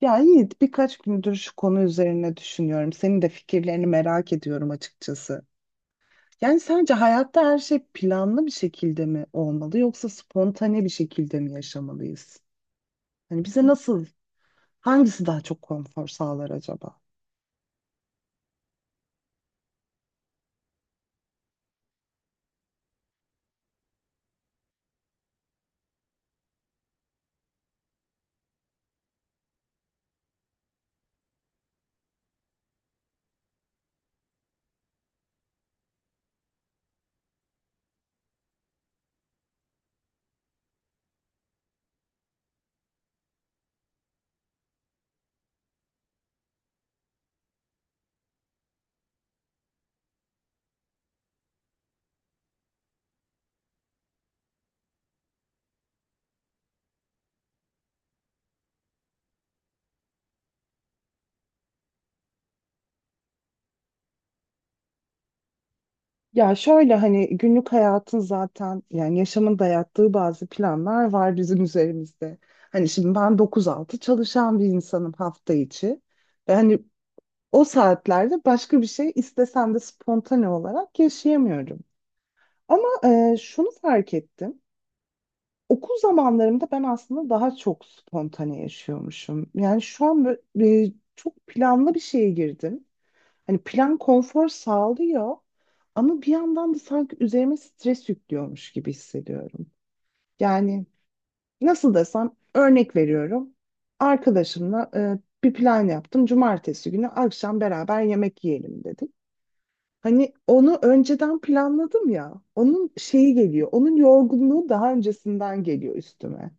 Ya Yiğit, birkaç gündür şu konu üzerine düşünüyorum. Senin de fikirlerini merak ediyorum açıkçası. Yani sence hayatta her şey planlı bir şekilde mi olmalı yoksa spontane bir şekilde mi yaşamalıyız? Hani bize nasıl, hangisi daha çok konfor sağlar acaba? Ya şöyle, hani günlük hayatın zaten, yani yaşamın dayattığı bazı planlar var bizim üzerimizde. Hani şimdi ben 9-6 çalışan bir insanım hafta içi. Ve hani o saatlerde başka bir şey istesem de spontane olarak yaşayamıyorum. Ama şunu fark ettim. Okul zamanlarımda ben aslında daha çok spontane yaşıyormuşum. Yani şu an böyle, çok planlı bir şeye girdim. Hani plan konfor sağlıyor ama bir yandan da sanki üzerime stres yüklüyormuş gibi hissediyorum. Yani nasıl desem, örnek veriyorum. Arkadaşımla bir plan yaptım. Cumartesi günü akşam beraber yemek yiyelim dedik. Hani onu önceden planladım ya. Onun şeyi geliyor. Onun yorgunluğu daha öncesinden geliyor üstüme.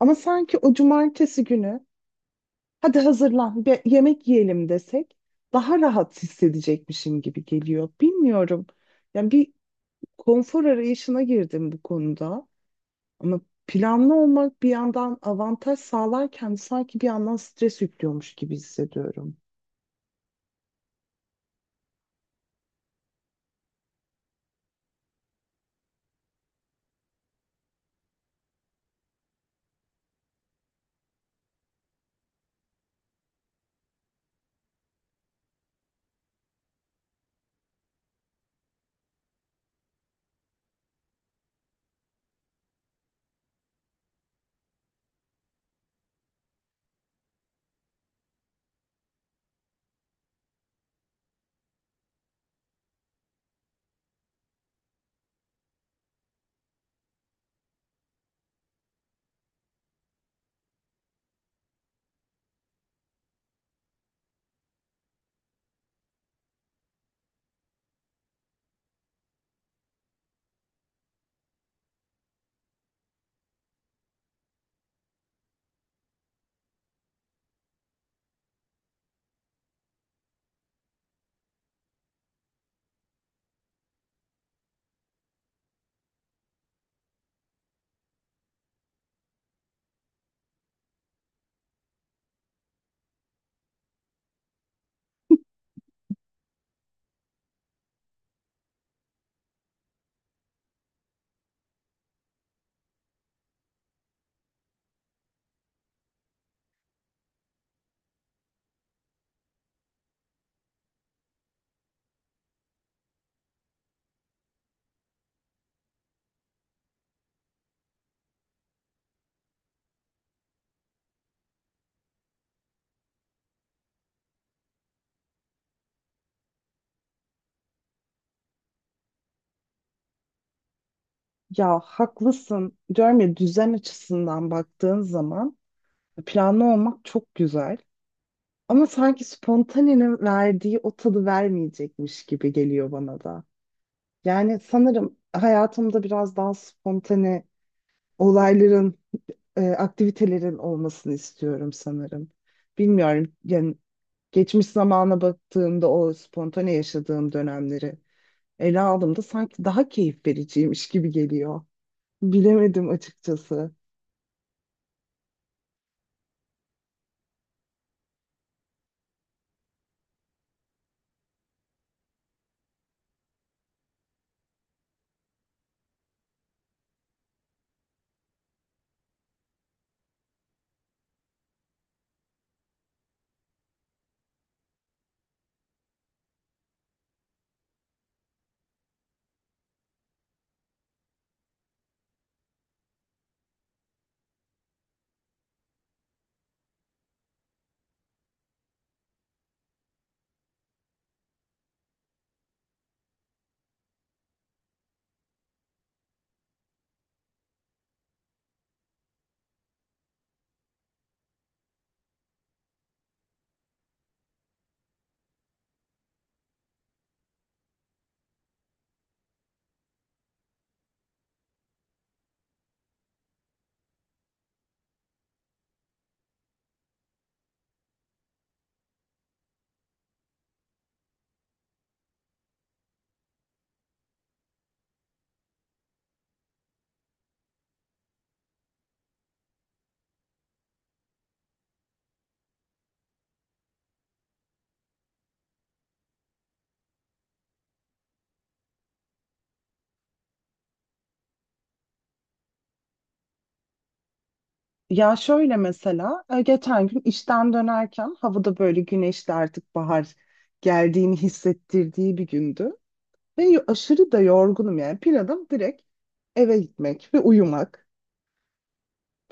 Ama sanki o cumartesi günü hadi hazırlan bir yemek yiyelim desek daha rahat hissedecekmişim gibi geliyor. Bilmiyorum. Yani bir konfor arayışına girdim bu konuda. Ama planlı olmak bir yandan avantaj sağlarken sanki bir yandan stres yüklüyormuş gibi hissediyorum. Ya haklısın. Diyorum ya, düzen açısından baktığın zaman planlı olmak çok güzel. Ama sanki spontanenin verdiği o tadı vermeyecekmiş gibi geliyor bana da. Yani sanırım hayatımda biraz daha spontane olayların, aktivitelerin olmasını istiyorum sanırım. Bilmiyorum yani, geçmiş zamana baktığımda o spontane yaşadığım dönemleri ele aldığımda sanki daha keyif vericiymiş gibi geliyor. Bilemedim açıkçası. Ya şöyle, mesela geçen gün işten dönerken havada böyle güneşli, artık bahar geldiğini hissettirdiği bir gündü. Ve aşırı da yorgunum, yani planım direkt eve gitmek ve uyumak.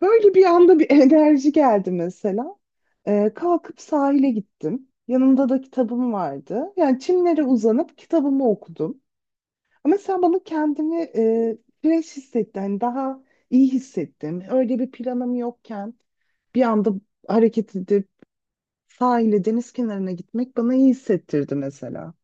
Böyle bir anda bir enerji geldi mesela. Kalkıp sahile gittim. Yanımda da kitabım vardı. Yani çimlere uzanıp kitabımı okudum. Ama sen bana, kendimi fresh hissettim. Yani daha iyi hissettim. Öyle bir planım yokken bir anda hareket edip sahile, deniz kenarına gitmek bana iyi hissettirdi mesela.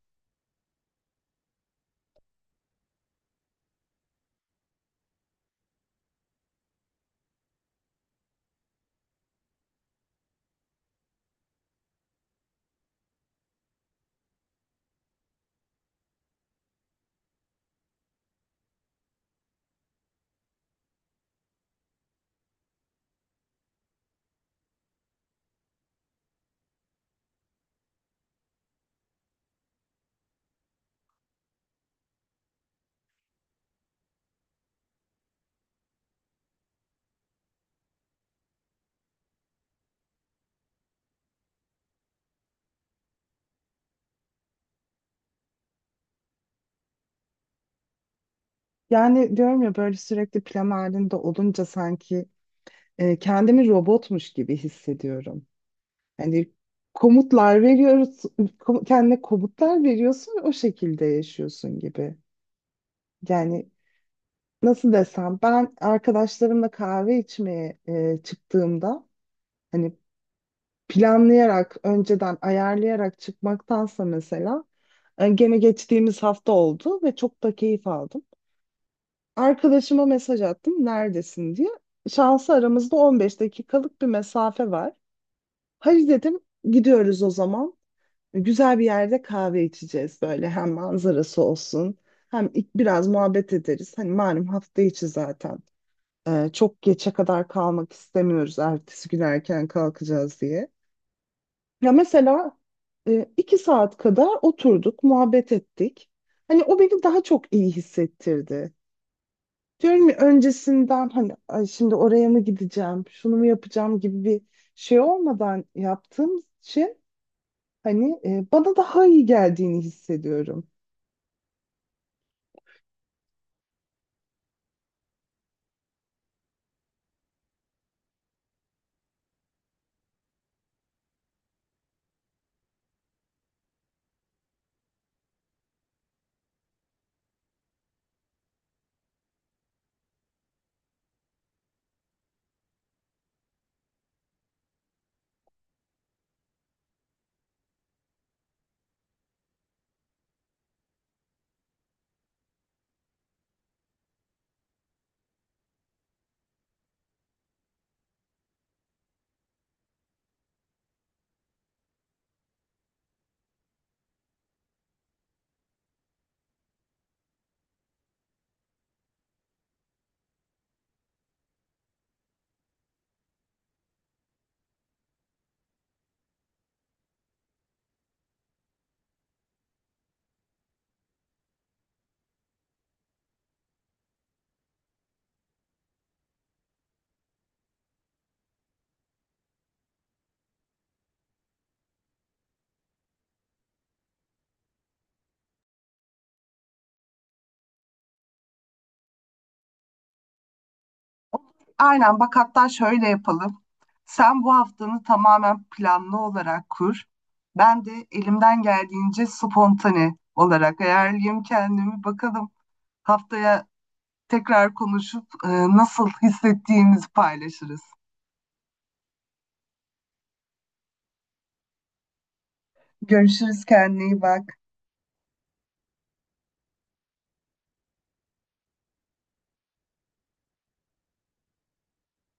Yani diyorum ya, böyle sürekli plan halinde olunca sanki kendimi robotmuş gibi hissediyorum. Hani komutlar veriyoruz, kendine komutlar veriyorsun ve o şekilde yaşıyorsun gibi. Yani nasıl desem, ben arkadaşlarımla kahve içmeye çıktığımda, hani planlayarak, önceden ayarlayarak çıkmaktansa, mesela gene geçtiğimiz hafta oldu ve çok da keyif aldım. Arkadaşıma mesaj attım neredesin diye. Şansı aramızda 15 dakikalık bir mesafe var. Hadi dedim, gidiyoruz o zaman. Güzel bir yerde kahve içeceğiz, böyle hem manzarası olsun hem ilk biraz muhabbet ederiz. Hani malum hafta içi zaten. Çok geçe kadar kalmak istemiyoruz, ertesi gün erken kalkacağız diye. Ya mesela iki saat kadar oturduk, muhabbet ettik. Hani o beni daha çok iyi hissettirdi. Diyorum ya, öncesinden hani "Ay, şimdi oraya mı gideceğim, şunu mu yapacağım" gibi bir şey olmadan yaptığım için hani bana daha iyi geldiğini hissediyorum. Aynen, bak, hatta şöyle yapalım. Sen bu haftanı tamamen planlı olarak kur. Ben de elimden geldiğince spontane olarak ayarlayayım kendimi. Bakalım haftaya tekrar konuşup nasıl hissettiğimizi paylaşırız. Görüşürüz, kendine iyi bak.